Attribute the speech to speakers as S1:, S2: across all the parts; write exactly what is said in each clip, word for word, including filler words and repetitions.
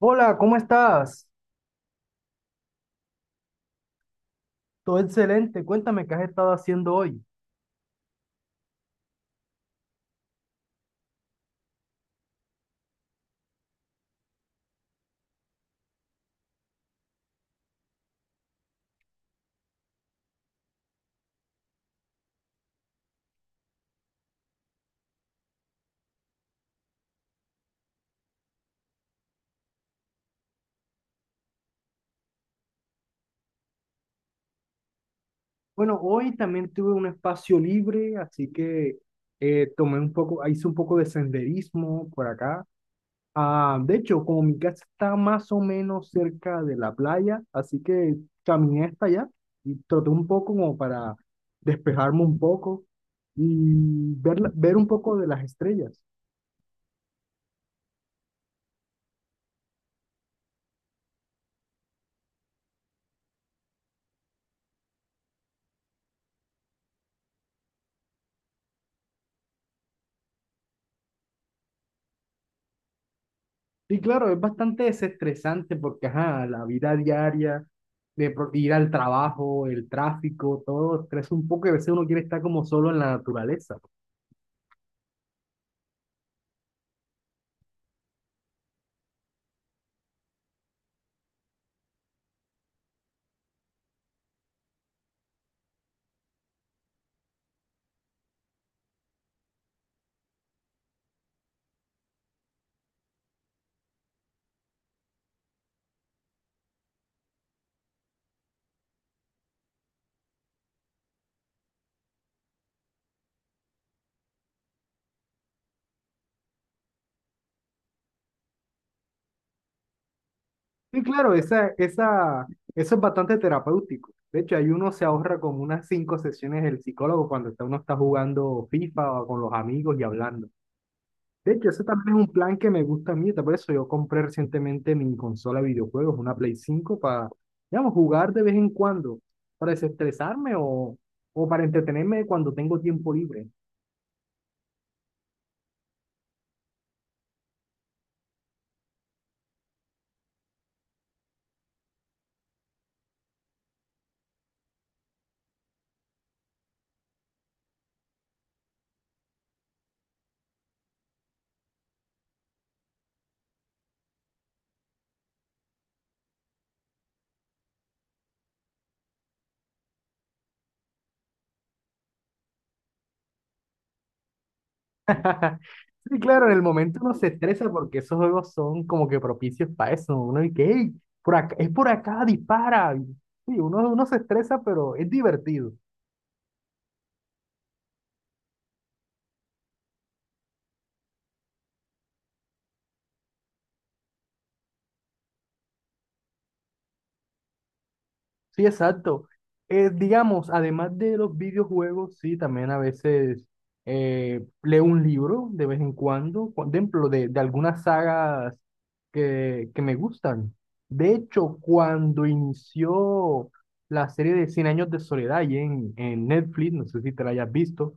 S1: Hola, ¿cómo estás? Todo excelente. Cuéntame qué has estado haciendo hoy. Bueno, hoy también tuve un espacio libre, así que eh, tomé un poco, hice un poco de senderismo por acá. Ah, de hecho, como mi casa está más o menos cerca de la playa, así que caminé hasta allá y troté un poco como para despejarme un poco y ver, la- ver un poco de las estrellas. Sí, claro, es bastante desestresante porque, ajá, la vida diaria, de pro- ir al trabajo, el tráfico, todo estresa un poco y a veces uno quiere estar como solo en la naturaleza. Sí, claro, esa, esa, eso es bastante terapéutico. De hecho, ahí uno se ahorra como unas cinco sesiones del psicólogo cuando está, uno está jugando FIFA o con los amigos y hablando. De hecho, ese también es un plan que me gusta a mí, por eso yo compré recientemente mi consola de videojuegos, una Play cinco para, digamos, jugar de vez en cuando, para desestresarme o, o para entretenerme cuando tengo tiempo libre. Sí, claro, en el momento uno se estresa porque esos juegos son como que propicios para eso, ¿no? Uno dice, hey, por acá, es por acá, dispara. Sí, uno, uno se estresa, pero es divertido. Sí, exacto. Eh, digamos, además de los videojuegos, sí, también a veces eh, leo un libro de vez en cuando, por ejemplo, de, de algunas sagas que, que me gustan. De hecho, cuando inició la serie de Cien años de soledad ahí en, en Netflix, no sé si te la hayas visto.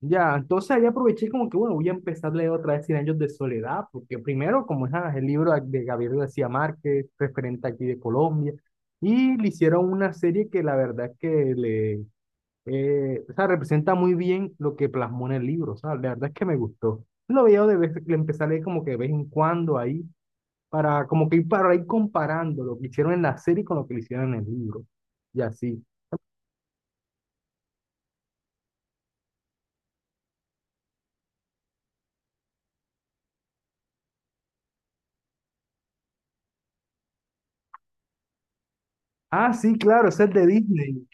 S1: Ya, entonces ahí aproveché como que, bueno, voy a empezar a leer otra vez Cien años de soledad, porque primero, como es ah, el libro de Gabriel García Márquez, referente aquí de Colombia, y le hicieron una serie que la verdad es que le, eh, o sea, representa muy bien lo que plasmó en el libro, o sea, la verdad es que me gustó. Lo veo de vez, le empecé a leer como que de vez en cuando ahí, para como que ir para ir comparando lo que hicieron en la serie con lo que le hicieron en el libro, y así. Ah, sí, claro, ese es de Disney.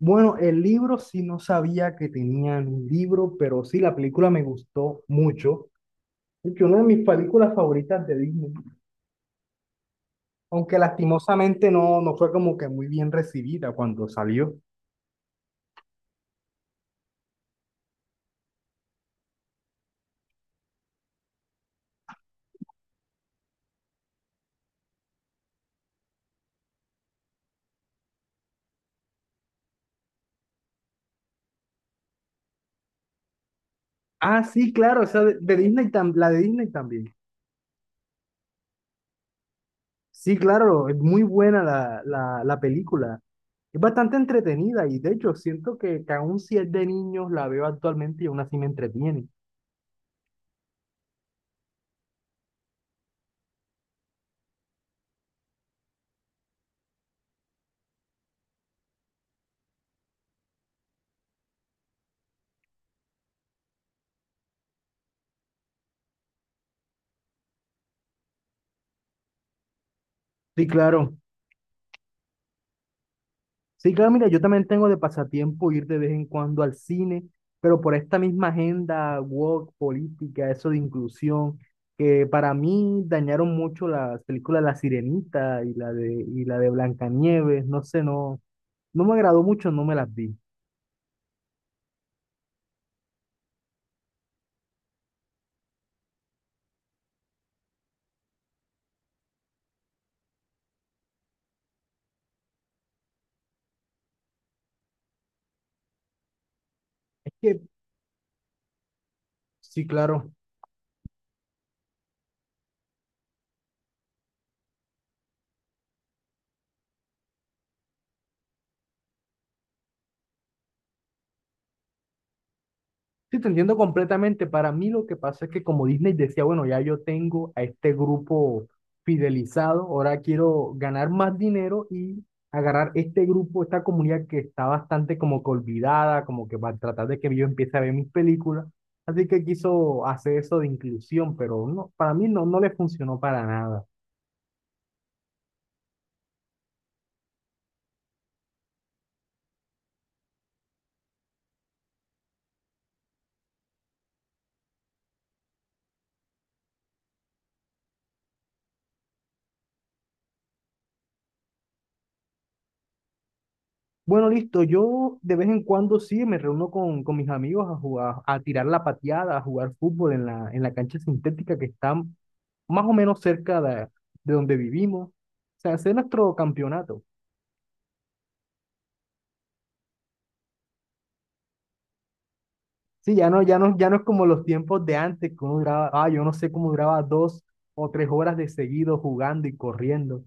S1: Bueno, el libro sí no sabía que tenían un libro, pero sí la película me gustó mucho. Es que una de mis películas favoritas de Disney, aunque lastimosamente no, no fue como que muy bien recibida cuando salió. Ah, sí, claro, o sea, de, de Disney tam- la de Disney también. Sí, claro, es muy buena la, la, la película. Es bastante entretenida y de hecho siento que, que aún si es de niños la veo actualmente y aún así me entretiene. Sí, claro. Sí, claro, mira, yo también tengo de pasatiempo ir de vez en cuando al cine, pero por esta misma agenda woke, política, eso de inclusión, que para mí dañaron mucho las películas La Sirenita y la de, y la de Blancanieves, no sé, no, no me agradó mucho, no me las vi. Es que, sí, claro. Sí, te entiendo completamente. Para mí lo que pasa es que como Disney decía, bueno, ya yo tengo a este grupo fidelizado, ahora quiero ganar más dinero y agarrar este grupo, esta comunidad que está bastante como que olvidada, como que va a tratar de que yo empiece a ver mis películas. Así que quiso hacer eso de inclusión, pero no, para mí no, no le funcionó para nada. Bueno, listo, yo de vez en cuando sí me reúno con, con mis amigos a jugar, a tirar la pateada, a jugar fútbol en la, en la cancha sintética que está más o menos cerca de, de donde vivimos. O sea, hacer nuestro campeonato. Sí, ya no, ya no, ya no es como los tiempos de antes, que uno duraba, ah, yo no sé cómo duraba dos o tres horas de seguido jugando y corriendo.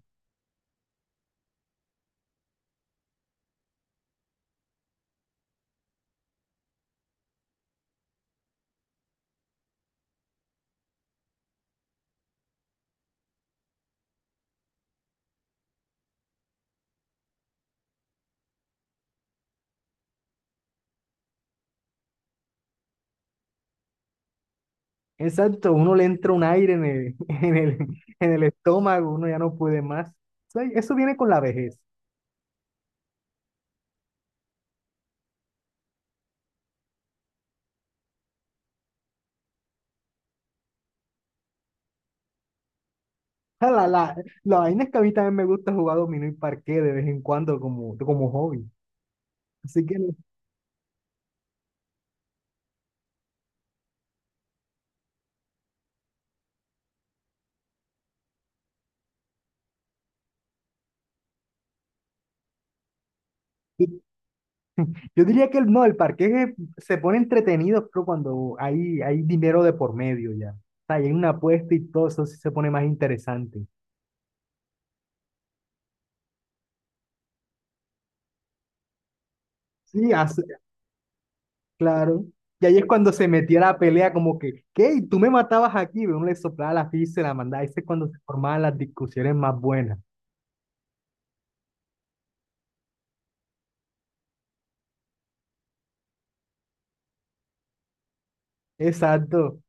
S1: Exacto, uno le entra un aire en el, en el, en el estómago, uno ya no puede más. O sea, eso viene con la vejez. O La, la, la vaina es que a mí también me gusta jugar dominó y parqué de vez en cuando como, como hobby. Así que Yo diría que el, no, el parqués es- se pone entretenido pero cuando hay, hay dinero de por medio ya. O sea, y hay una apuesta y todo eso sí se pone más interesante. Sí, hace- claro. Y ahí es cuando se metía la pelea como que, ¿qué? ¿Y tú me matabas aquí? Uno le soplaba la ficha y se la mandaba. Ese es cuando se formaban las discusiones más buenas. Exacto.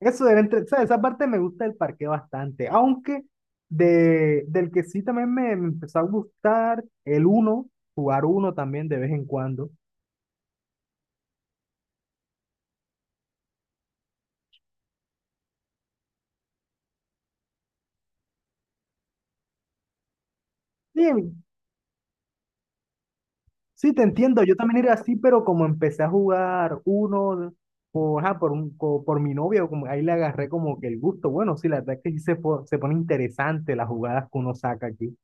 S1: Eso era entre, o sea, esa parte me gusta del parque bastante. Aunque de, del que sí también me, me empezó a gustar el uno, jugar uno también de vez en cuando. Sí, Sí, te entiendo. Yo también era así, pero como empecé a jugar uno por, ajá, por, un- co- por mi novia, como, ahí le agarré como que el gusto. Bueno, sí, la verdad es que sí se, po- se pone interesante las jugadas que uno saca aquí.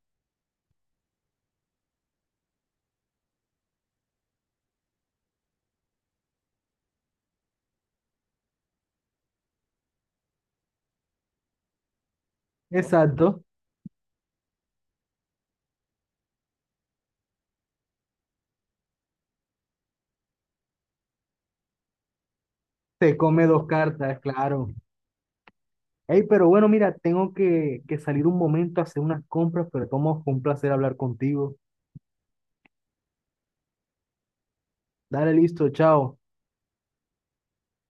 S1: Exacto. Te come dos cartas, claro. Ey, pero bueno, mira, tengo que, que salir un momento a hacer unas compras, pero tomo, fue un placer hablar contigo. Dale, listo, chao.